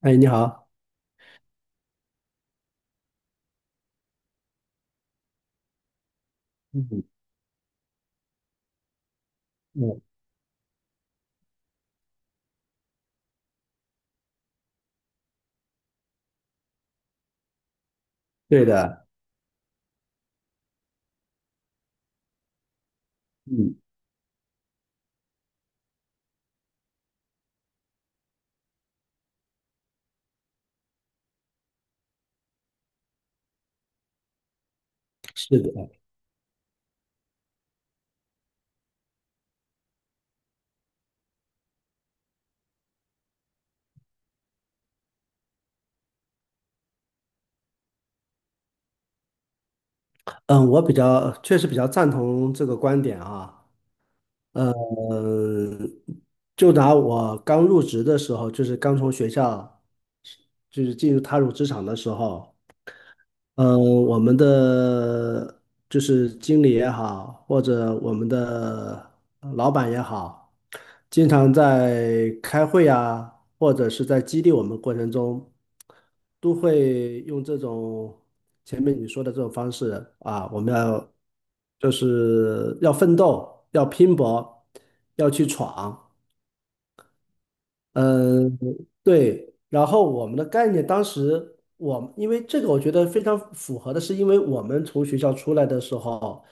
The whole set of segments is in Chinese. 哎，你好。嗯嗯，对的。嗯，是的。嗯，我确实比较赞同这个观点啊。嗯，就拿我刚入职的时候，就是刚从学校，就是踏入职场的时候，嗯，我们的就是经理也好，或者我们的老板也好。经常在开会啊，或者是在激励我们过程中，都会用这种前面你说的这种方式啊，我们要就是要奋斗，要拼搏，要去闯。嗯，对。然后我们的概念，当时我们因为这个，我觉得非常符合的是，因为我们从学校出来的时候，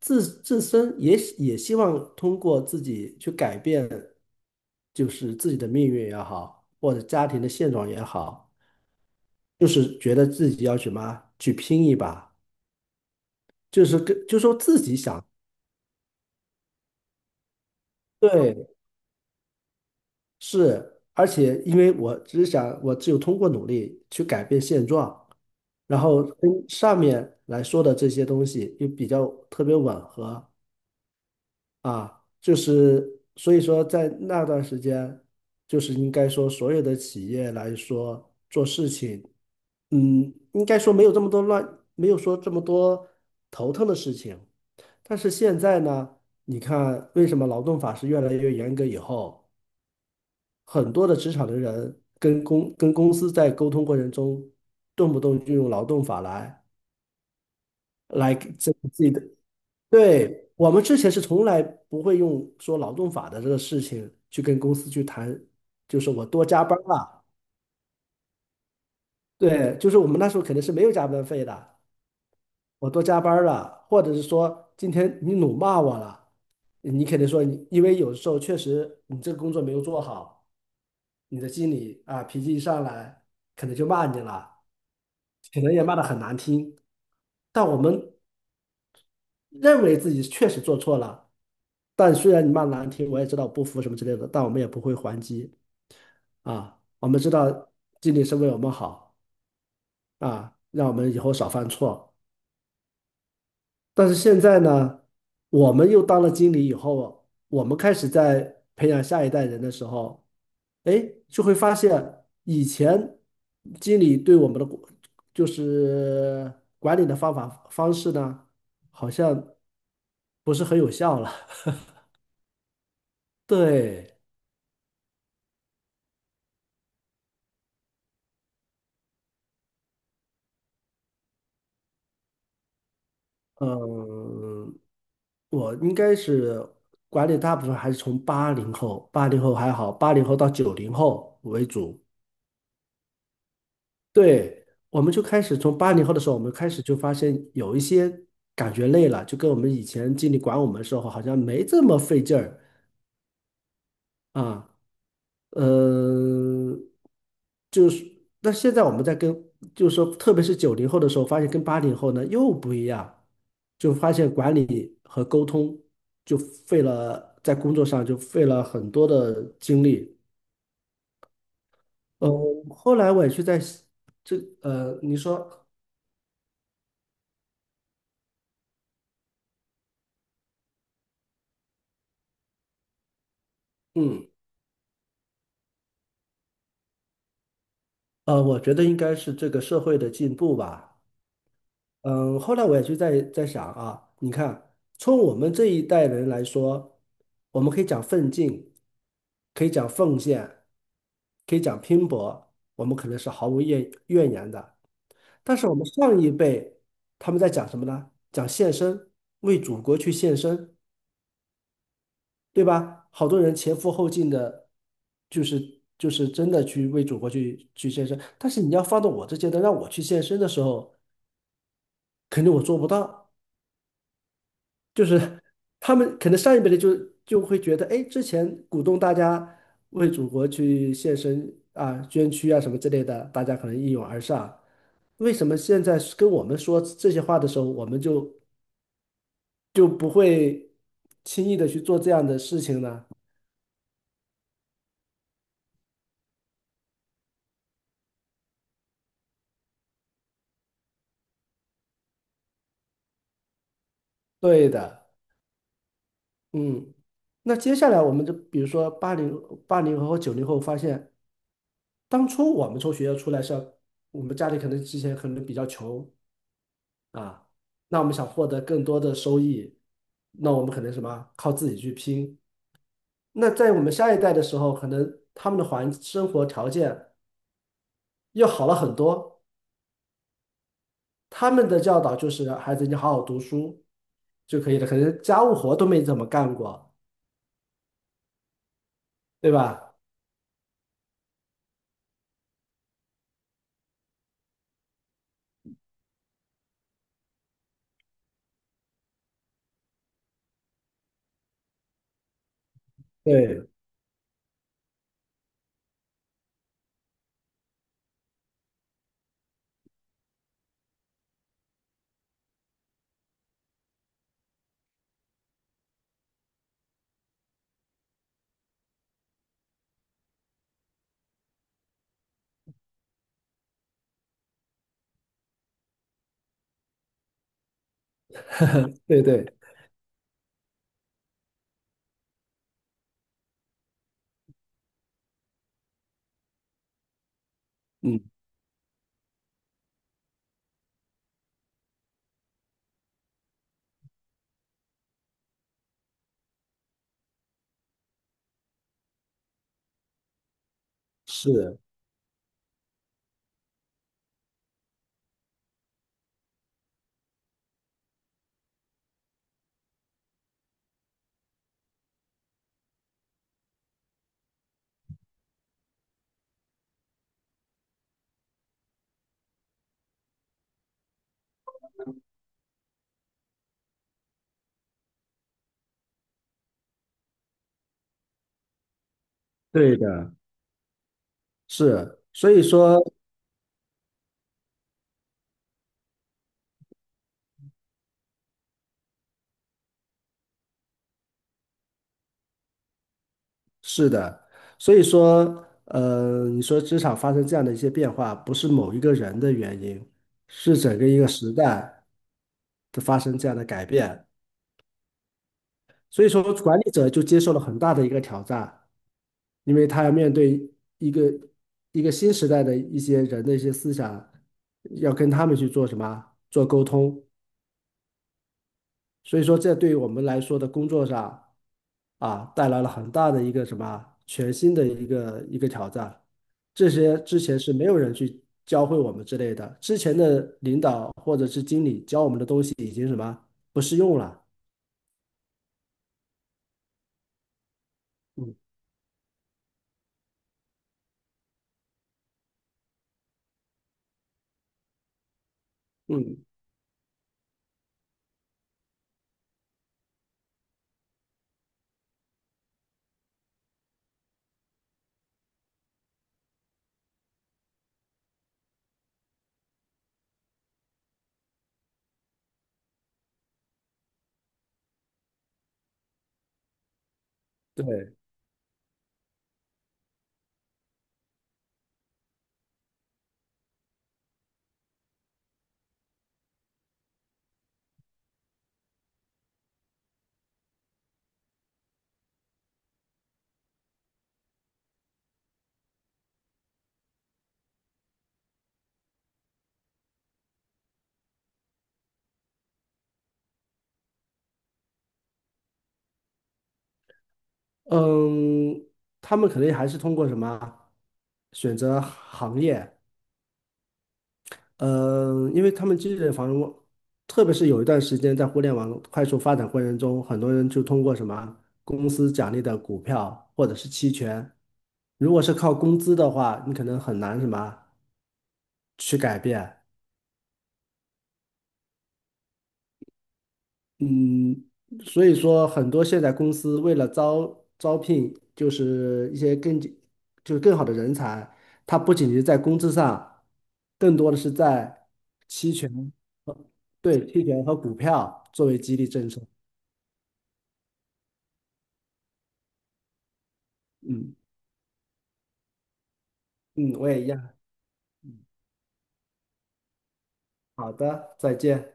自身也希望通过自己去改变，就是自己的命运也好，或者家庭的现状也好，就是觉得自己要去什么去拼一把，就是说自己想。对，是，而且因为我只想，我只有通过努力去改变现状，然后跟上面来说的这些东西又比较特别吻合啊，就是所以说在那段时间，就是应该说所有的企业来说做事情。嗯，应该说没有这么多乱，没有说这么多头疼的事情。但是现在呢，你看为什么劳动法是越来越严格以后，很多的职场的人跟公司在沟通过程中，动不动就用劳动法来。like 这个自己的，对，我们之前是从来不会用说劳动法的这个事情去跟公司去谈，就是我多加班儿了。对，就是我们那时候肯定是没有加班费的，我多加班儿了，或者是说今天你辱骂我了，你肯定说你，因为有时候确实你这个工作没有做好，你的经理啊脾气一上来，可能就骂你了，可能也骂得很难听，但我们认为自己确实做错了，但虽然你骂难听，我也知道不服什么之类的，但我们也不会还击啊。我们知道经理是为我们好啊，让我们以后少犯错。但是现在呢，我们又当了经理以后，我们开始在培养下一代人的时候，哎，就会发现以前经理对我们的管就是管理的方法方式呢，好像不是很有效了。对。嗯，我应该是管理大部分还是从八零后，八零后还好，八零后到九零后为主。对，我们就开始从八零后的时候，我们开始就发现有一些感觉累了，就跟我们以前经理管我们的时候好像没这么费劲儿啊。嗯，就是，那现在我们在跟，就是说，特别是九零后的时候，发现跟八零后呢又不一样，就发现管理和沟通就费了，在工作上就费了很多的精力。呃，后来我也去在这，呃，你说，嗯，呃，我觉得应该是这个社会的进步吧。嗯，后来我也去在想啊，你看，从我们这一代人来说，我们可以讲奋进，可以讲奉献，可以讲拼搏，我们可能是毫无怨言的。但是我们上一辈，他们在讲什么呢？讲献身，为祖国去献身，对吧？好多人前赴后继的，就是真的去为祖国去献身。但是你要放到我这阶段，让我去献身的时候，肯定我做不到。就是他们可能上一辈的就会觉得，哎，之前鼓动大家为祖国去献身啊、捐躯啊什么之类的，大家可能一拥而上。为什么现在跟我们说这些话的时候，我们就不会轻易的去做这样的事情呢？对的，嗯。那接下来我们就比如说八零后和九零后，发现当初我们从学校出来是要，我们家里可能之前可能比较穷，啊，那我们想获得更多的收益，那我们可能什么，靠自己去拼。那在我们下一代的时候，可能他们的生活条件又好了很多，他们的教导就是孩子你好好读书就可以了，可能家务活都没怎么干过，对吧？对对对，嗯，是，对的。是，所以说。是的，所以说，呃，你说职场发生这样的一些变化，不是某一个人的原因，是整个一个时代的发生这样的改变。所以说，管理者就接受了很大的一个挑战，因为他要面对一个一个新时代的一些人的一些思想，要跟他们去做什么，做沟通。所以说，这对于我们来说的工作上。啊，带来了很大的一个什么啊全新的一个挑战。这些之前是没有人去教会我们之类的，之前的领导或者是经理教我们的东西已经什么啊不适用了。嗯嗯，对，嗯，他们肯定还是通过什么啊选择行业。嗯，因为他们积累的房屋，特别是有一段时间在互联网快速发展过程中，很多人就通过什么公司奖励的股票或者是期权，如果是靠工资的话，你可能很难什么去改变。嗯，所以说很多现在公司为了招聘，就是一些更就是更好的人才，它不仅是在工资上，更多的是在期权，对，期权和股票作为激励政策。嗯嗯，我也一样。好的，再见。